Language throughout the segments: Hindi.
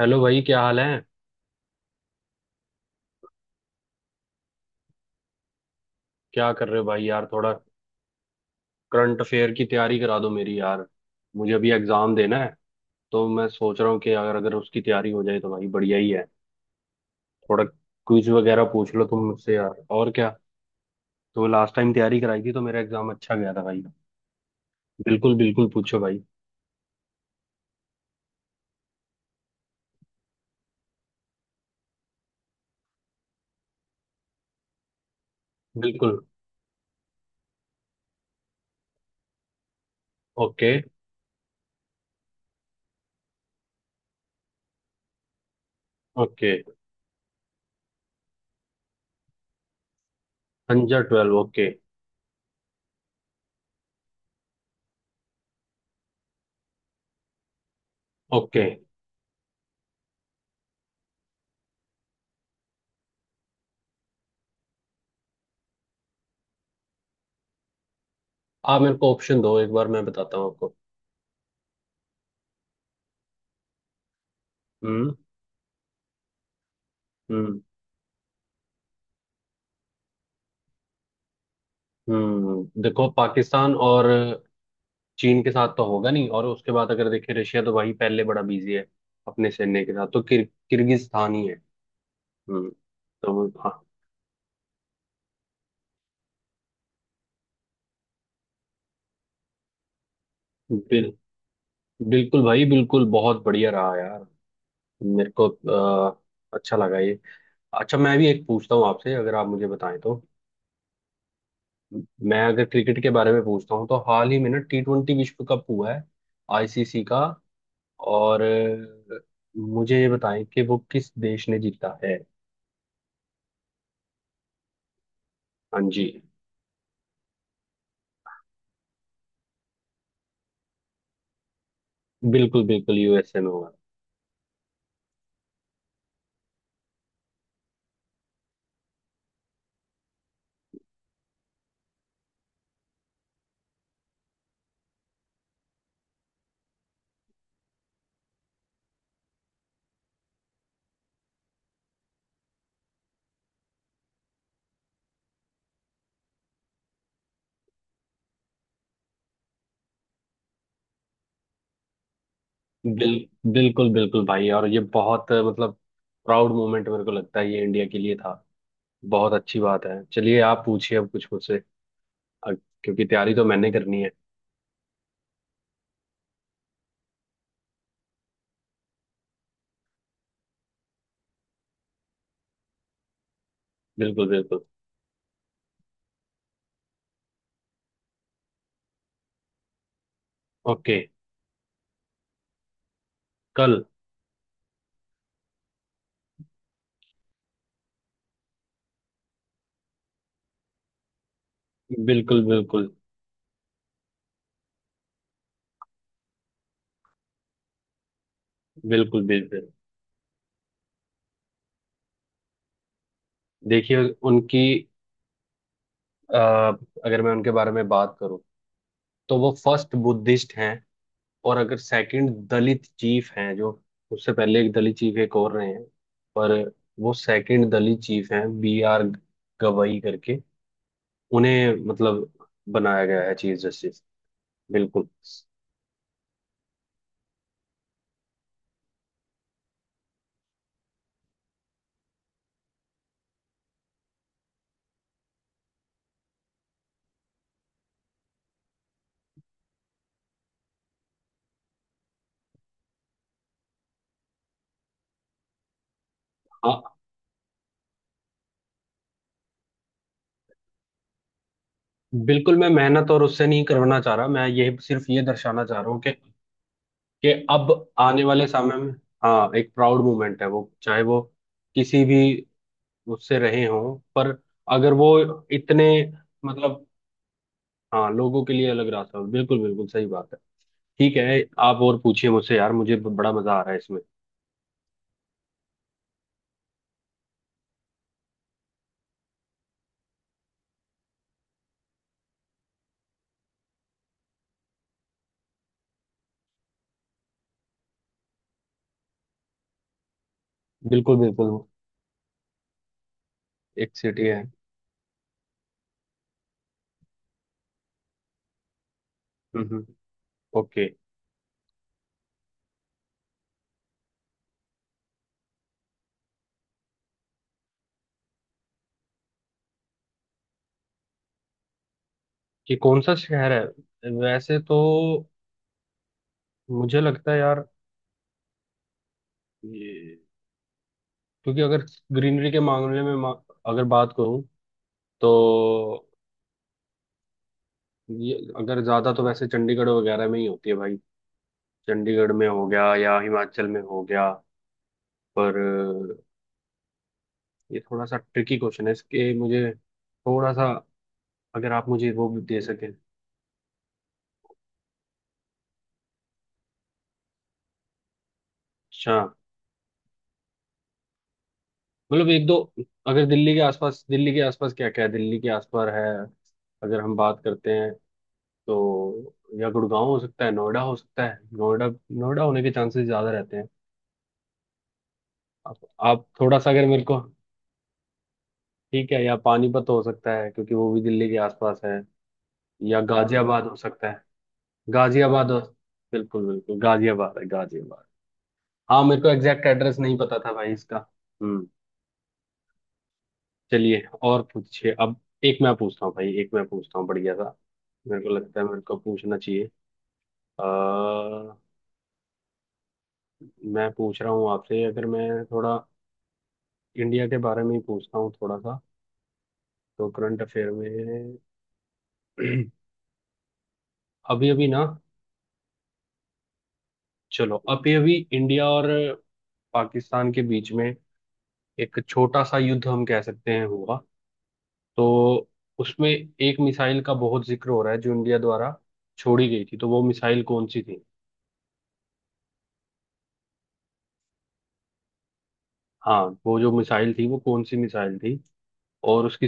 हेलो भाई, क्या हाल है। क्या कर रहे हो भाई यार। थोड़ा करंट अफेयर की तैयारी करा दो मेरी यार। मुझे अभी एग्जाम देना है। तो मैं सोच रहा हूँ कि अगर अगर उसकी तैयारी हो जाए तो भाई बढ़िया ही है। थोड़ा क्विज वगैरह पूछ लो तुम मुझसे यार, और क्या। तो लास्ट टाइम तैयारी कराई थी तो मेरा एग्जाम अच्छा गया था भाई। बिल्कुल बिल्कुल, पूछो भाई। बिल्कुल। Okay. Okay, Anjar 12, okay. Okay, आप मेरे को ऑप्शन दो, एक बार मैं बताता हूँ आपको। हम्म। हम्म। हम्म, देखो पाकिस्तान और चीन के साथ तो होगा नहीं, और उसके बाद अगर देखें रशिया तो वही पहले बड़ा बिजी है अपने सैन्य के साथ, तो किर्गिस्तान ही है। हम्म। तो वो- हाँ। बिल, बिल्कुल भाई, बिल्कुल बहुत बढ़िया रहा यार। मेरे को अच्छा लगा ये। अच्छा, मैं भी एक पूछता हूँ आपसे, अगर आप मुझे बताएं तो। मैं अगर क्रिकेट के बारे में पूछता हूँ तो हाल ही में ना टी20 विश्व कप हुआ है आईसीसी का। और मुझे ये बताएं कि वो किस देश ने जीता है। हाँ जी। बिल्कुल बिल्कुल, यूएसए में हुआ। बिल बिल्कुल बिल्कुल भाई, और ये बहुत मतलब प्राउड मोमेंट मेरे को लगता है ये इंडिया के लिए था। बहुत अच्छी बात है, चलिए आप पूछिए अब कुछ मुझसे। अ- क्योंकि तैयारी तो मैंने करनी है। बिल्कुल बिल्कुल। ओके। कल। बिल्कुल बिल्कुल बिल्कुल बिल्कुल। देखिए, उनकी, अ, अगर मैं उनके बारे में बात करूं तो वो फर्स्ट बुद्धिस्ट हैं, और अगर सेकंड दलित चीफ हैं जो, उससे पहले एक दलित चीफ एक और रहे हैं, पर वो सेकंड दलित चीफ हैं, बी आर गवई करके उन्हें मतलब बनाया गया है चीफ जस्टिस। बिल्कुल। हाँ, बिल्कुल मैं मेहनत और उससे नहीं करवाना चाह रहा, मैं ये सिर्फ ये दर्शाना चाह रहा हूँ कि अब आने वाले समय में, हाँ एक प्राउड मूवमेंट है, वो चाहे वो किसी भी उससे रहे हों, पर अगर वो इतने मतलब, हाँ लोगों के लिए अलग रास्ता हो, बिल्कुल बिल्कुल सही बात है। ठीक है, आप और पूछिए मुझसे यार, मुझे बड़ा मजा आ रहा है इसमें। बिल्कुल बिल्कुल। एक सिटी है। हम्म, ओके। कि कौन सा शहर है वैसे तो, मुझे लगता है यार ये, क्योंकि अगर ग्रीनरी के मामले में अगर बात करूं तो ये अगर ज्यादा तो वैसे चंडीगढ़ वगैरह में ही होती है भाई, चंडीगढ़ में हो गया या हिमाचल में हो गया। पर अ, ये थोड़ा सा ट्रिकी क्वेश्चन है, इसके मुझे थोड़ा सा, अगर आप मुझे वो भी दे सकें। अच्छा, मतलब एक दो, अगर दिल्ली के आसपास क्या क्या है, दिल्ली के आसपास है, अगर हम बात करते हैं तो, या गुड़गांव हो सकता है, नोएडा हो सकता है। नोएडा, नोएडा होने के चांसेस ज्यादा रहते हैं। आप आप थोड़ा सा अगर मेरे को, ठीक है, या पानीपत हो सकता है क्योंकि वो भी दिल्ली के आसपास है, या गाजियाबाद हो सकता है, गाजियाबाद हो, बिल्कुल बिल्कुल, गाजियाबाद है गाजियाबाद। हाँ मेरे को एग्जैक्ट एड्रेस नहीं पता था भाई इसका। हम्म। चलिए और पूछिए अब। एक मैं पूछता हूँ भाई, एक मैं पूछता हूँ बढ़िया सा। मेरे को लगता है मेरे को पूछना चाहिए। आ, मैं पूछ रहा हूँ आपसे, अगर मैं थोड़ा इंडिया के बारे में ही पूछता हूँ थोड़ा सा। तो करंट अफेयर में अभी अभी ना, चलो अभी अभी इंडिया और पाकिस्तान के बीच में एक छोटा सा युद्ध हम कह सकते हैं हुआ। तो उसमें एक मिसाइल का बहुत जिक्र हो रहा है जो इंडिया द्वारा छोड़ी गई थी, तो वो मिसाइल कौन सी थी। हाँ, वो जो मिसाइल थी वो कौन सी मिसाइल थी, और उसकी,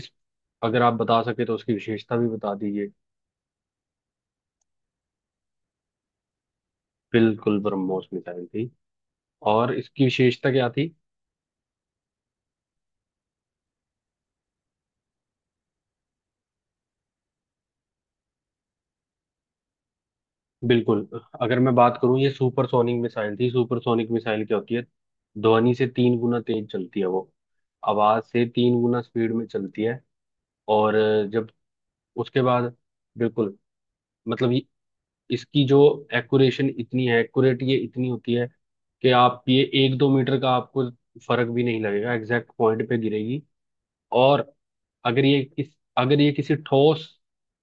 अगर आप बता सके तो उसकी विशेषता भी बता दीजिए। बिल्कुल ब्रह्मोस मिसाइल थी, और इसकी विशेषता क्या थी। बिल्कुल, अगर मैं बात करूं ये सुपरसोनिक मिसाइल थी। सुपरसोनिक मिसाइल क्या होती है, ध्वनि से तीन गुना तेज चलती है वो, आवाज से तीन गुना स्पीड में चलती है। और जब उसके बाद, बिल्कुल, मतलब इसकी जो एक्यूरेशन इतनी है, एक्यूरेट ये इतनी होती है कि आप ये एक दो मीटर का आपको फर्क भी नहीं लगेगा, एग्जैक्ट पॉइंट पे गिरेगी। और अगर ये किस अगर ये किसी ठोस,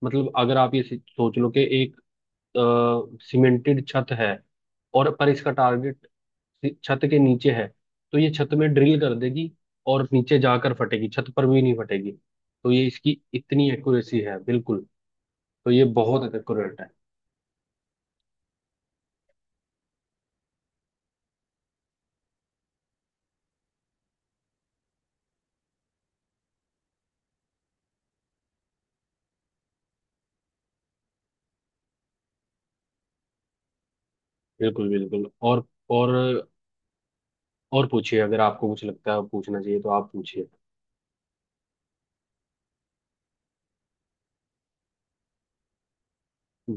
मतलब अगर आप ये सोच लो कि एक सीमेंटेड छत है, और पर इसका टारगेट छत के नीचे है, तो ये छत में ड्रिल कर देगी, और नीचे जाकर फटेगी, छत पर भी नहीं फटेगी। तो ये इसकी इतनी एक्यूरेसी है, बिल्कुल। तो ये बहुत एक्यूरेट है। बिल्कुल बिल्कुल, और और पूछिए, अगर आपको कुछ लगता है पूछना चाहिए तो आप पूछिए।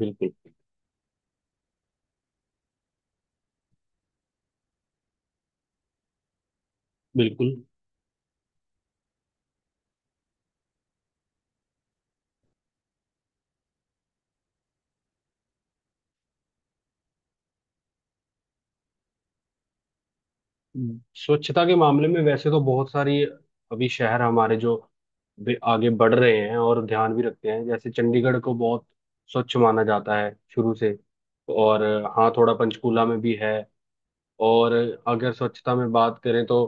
बिल्कुल बिल्कुल। स्वच्छता के मामले में वैसे तो बहुत सारी, अभी शहर हमारे जो भी आगे बढ़ रहे हैं और ध्यान भी रखते हैं, जैसे चंडीगढ़ को बहुत स्वच्छ माना जाता है शुरू से। और हाँ थोड़ा पंचकूला में भी है। और अगर स्वच्छता में बात करें तो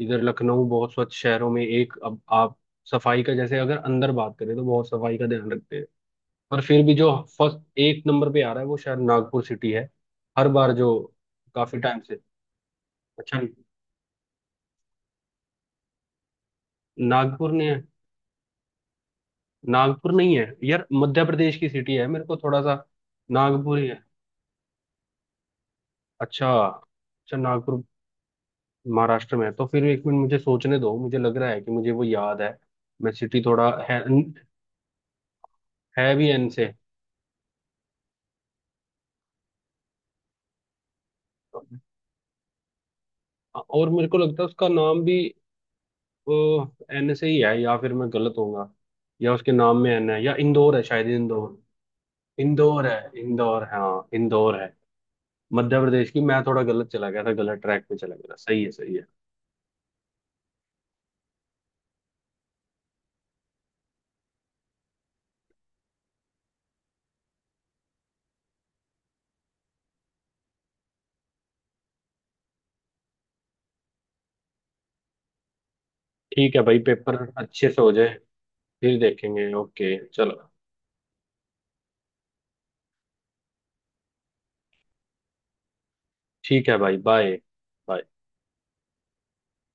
इधर लखनऊ बहुत स्वच्छ शहरों में एक। अब आप सफाई का, जैसे अगर अंदर बात करें तो बहुत सफाई का ध्यान रखते हैं। पर फिर भी जो फर्स्ट एक नंबर पे आ रहा है वो शायद नागपुर सिटी है हर बार, जो काफी टाइम से। अच्छा, नागपुर ने, नागपुर नहीं है यार, मध्य प्रदेश की सिटी है, मेरे को थोड़ा सा। नागपुर ही है। अच्छा अच्छा, नागपुर महाराष्ट्र में है तो फिर, एक मिनट मुझे सोचने दो, मुझे लग रहा है कि मुझे वो याद है। मैं सिटी थोड़ा है भी एन से, और मेरे को लगता है उसका नाम भी एन से ही है, या फिर मैं गलत होऊंगा, या उसके नाम में एन है, या इंदौर है शायद, इंदौर, इंदौर है इंदौर, हाँ इंदौर है। मध्य प्रदेश की, मैं थोड़ा गलत चला गया था, गलत ट्रैक पे चला गया था, सही है सही है। ठीक है भाई, पेपर अच्छे से हो जाए, फिर देखेंगे, ओके चलो। ठीक है भाई, बाय। बाय।